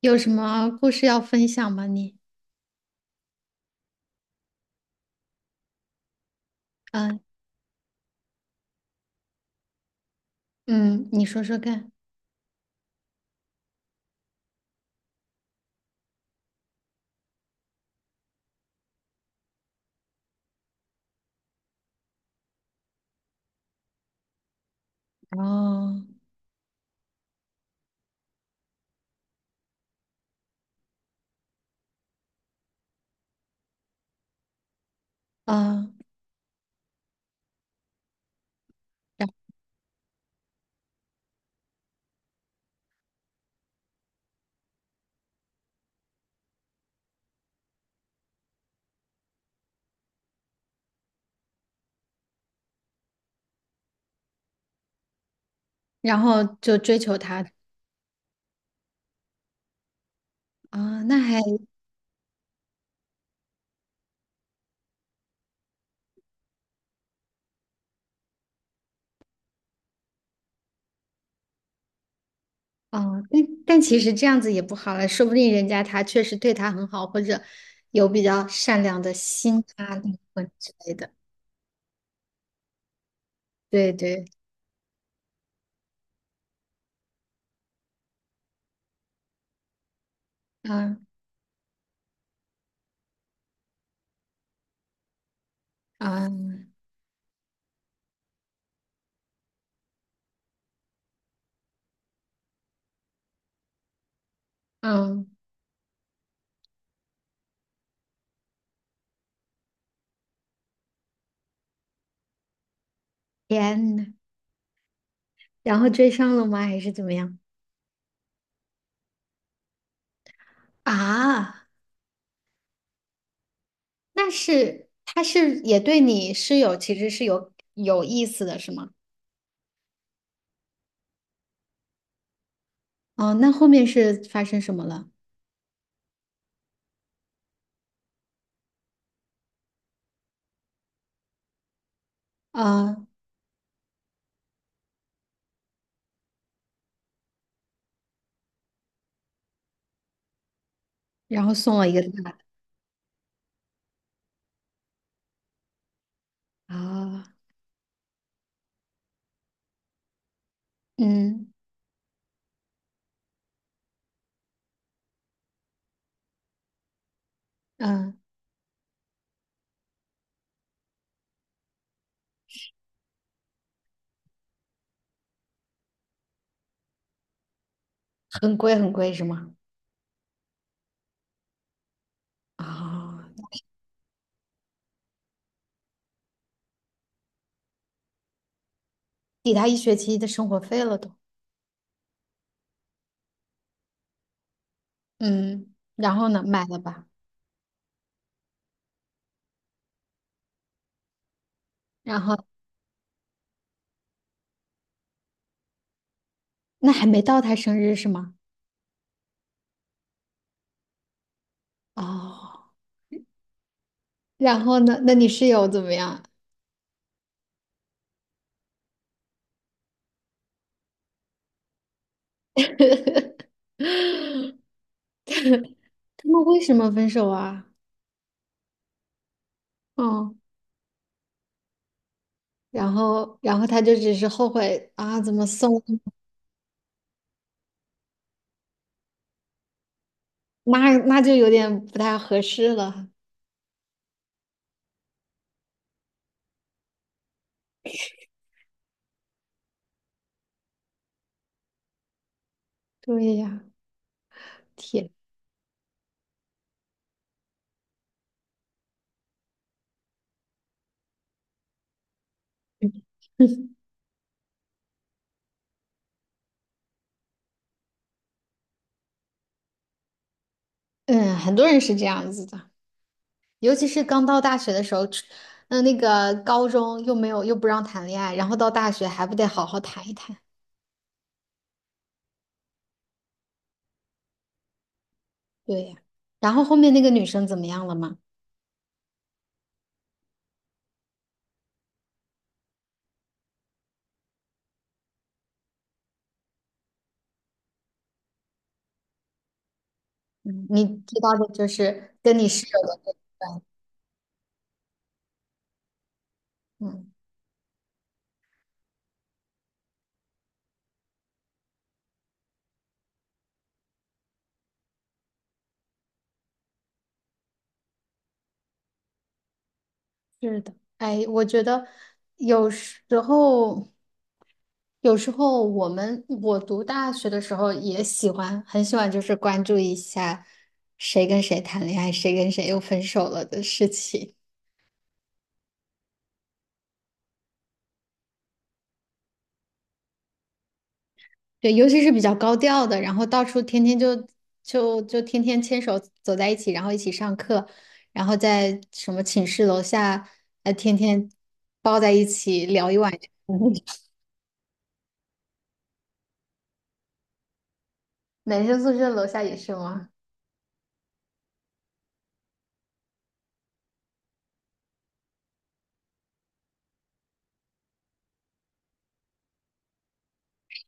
有什么故事要分享吗？你，嗯嗯，你说说看。哦，嗯，然然后就追求他。啊，那还哦，但其实这样子也不好了，说不定人家他确实对他很好，或者有比较善良的心啊、灵魂之类的。对对，嗯嗯嗯，天呐，然后追上了吗？还是怎么样？啊，那是他是也对你是其实是有意思的，是吗？哦，那后面是发生什么了？啊，然后送了一个大的啊，嗯嗯，很贵很贵是吗？啊，抵他一学期的生活费了都。嗯，然后呢，买了吧？然后那还没到他生日是吗？哦，然后呢？那你室友怎么样？他们为什么分手啊？哦，然后他就只是后悔啊，怎么送？那就有点不太合适了。对呀，天。嗯，很多人是这样子的，尤其是刚到大学的时候，出嗯，那个高中又没有又不让谈恋爱，然后到大学还不得好好谈一谈？对呀。然后后面那个女生怎么样了吗？嗯，你知道的就是跟你室友的那嗯，是的。哎，我觉得有时候，有时候我读大学的时候也喜欢，很喜欢，就是关注一下谁跟谁谈恋爱，谁跟谁又分手了的事情。对，尤其是比较高调的，然后到处天天就天天牵手走在一起，然后一起上课，然后在什么寝室楼下，天天抱在一起聊一晚上。男生宿舍楼下也是吗？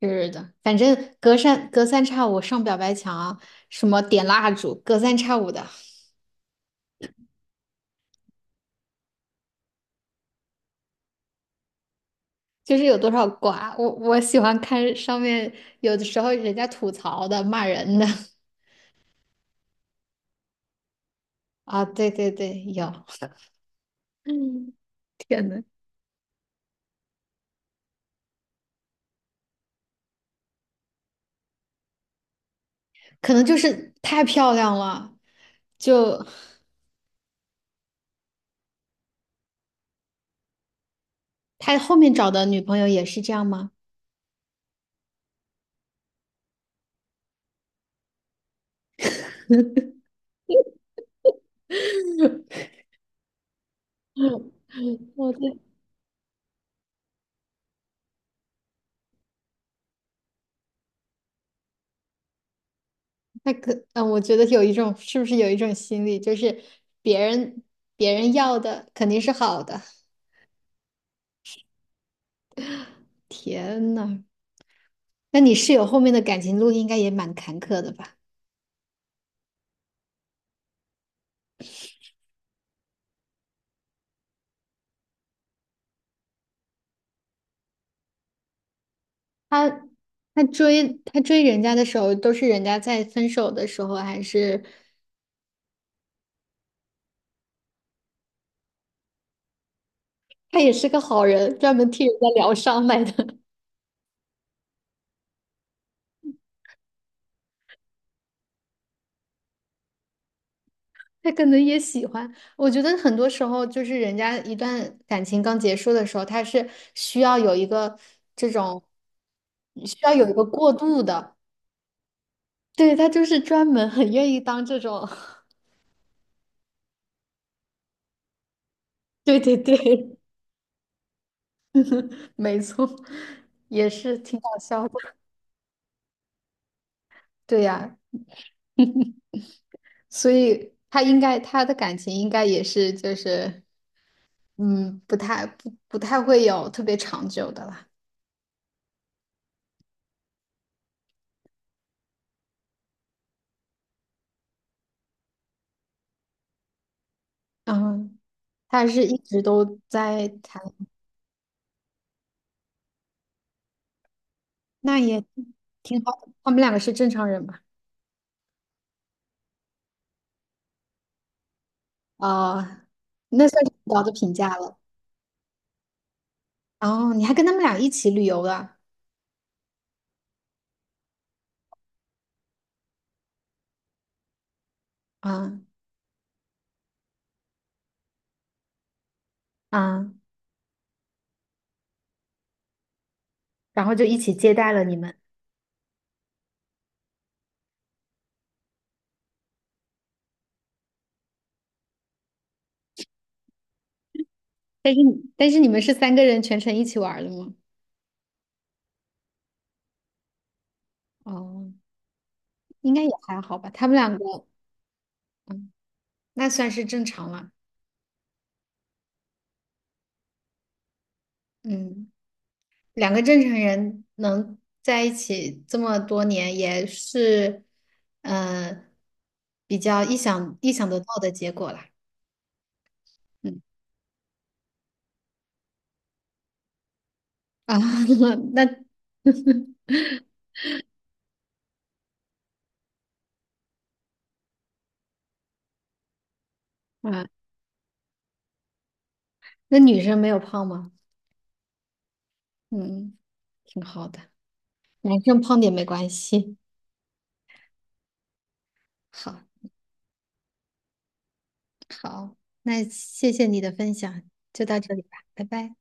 是的，反正隔三差五上表白墙啊什么点蜡烛，隔三差五的，就是有多少瓜。我喜欢看上面有的时候人家吐槽的、骂人的 啊，对，有。嗯，天呐。可能就是太漂亮了，就他后面找的女朋友也是这样吗？我对他 可，嗯，我觉得有一种，是不是有一种心理，就是别人别人要的肯定是好的。天呐，那你室友后面的感情路应该也蛮坎坷的吧？他他追人家的时候，都是人家在分手的时候，还是他也是个好人，专门替人家疗伤来的？他可能也喜欢。我觉得很多时候，就是人家一段感情刚结束的时候，他是需要有一个这种，需要有一个过渡的。对，他就是专门很愿意当这种，对，没错，也是挺搞笑的。对呀，所以他应该他的感情应该也是就是，嗯，不太会有特别长久的啦。嗯，他是一直都在谈。那也挺好的，他们两个是正常人吧？啊，那算是很高的评价了。哦，你还跟他们俩一起旅游了，啊啊，然后就一起接待了你们。但是你们是三个人全程一起玩儿的吗？哦，应该也还好吧，他们两个那算是正常了。嗯，两个正常人能在一起这么多年，也是，呃，比较意想得到的结果啦。嗯啊，那 啊，那女生没有胖吗？嗯，挺好的，男生胖点没关系。好，好，那谢谢你的分享，就到这里吧，拜拜。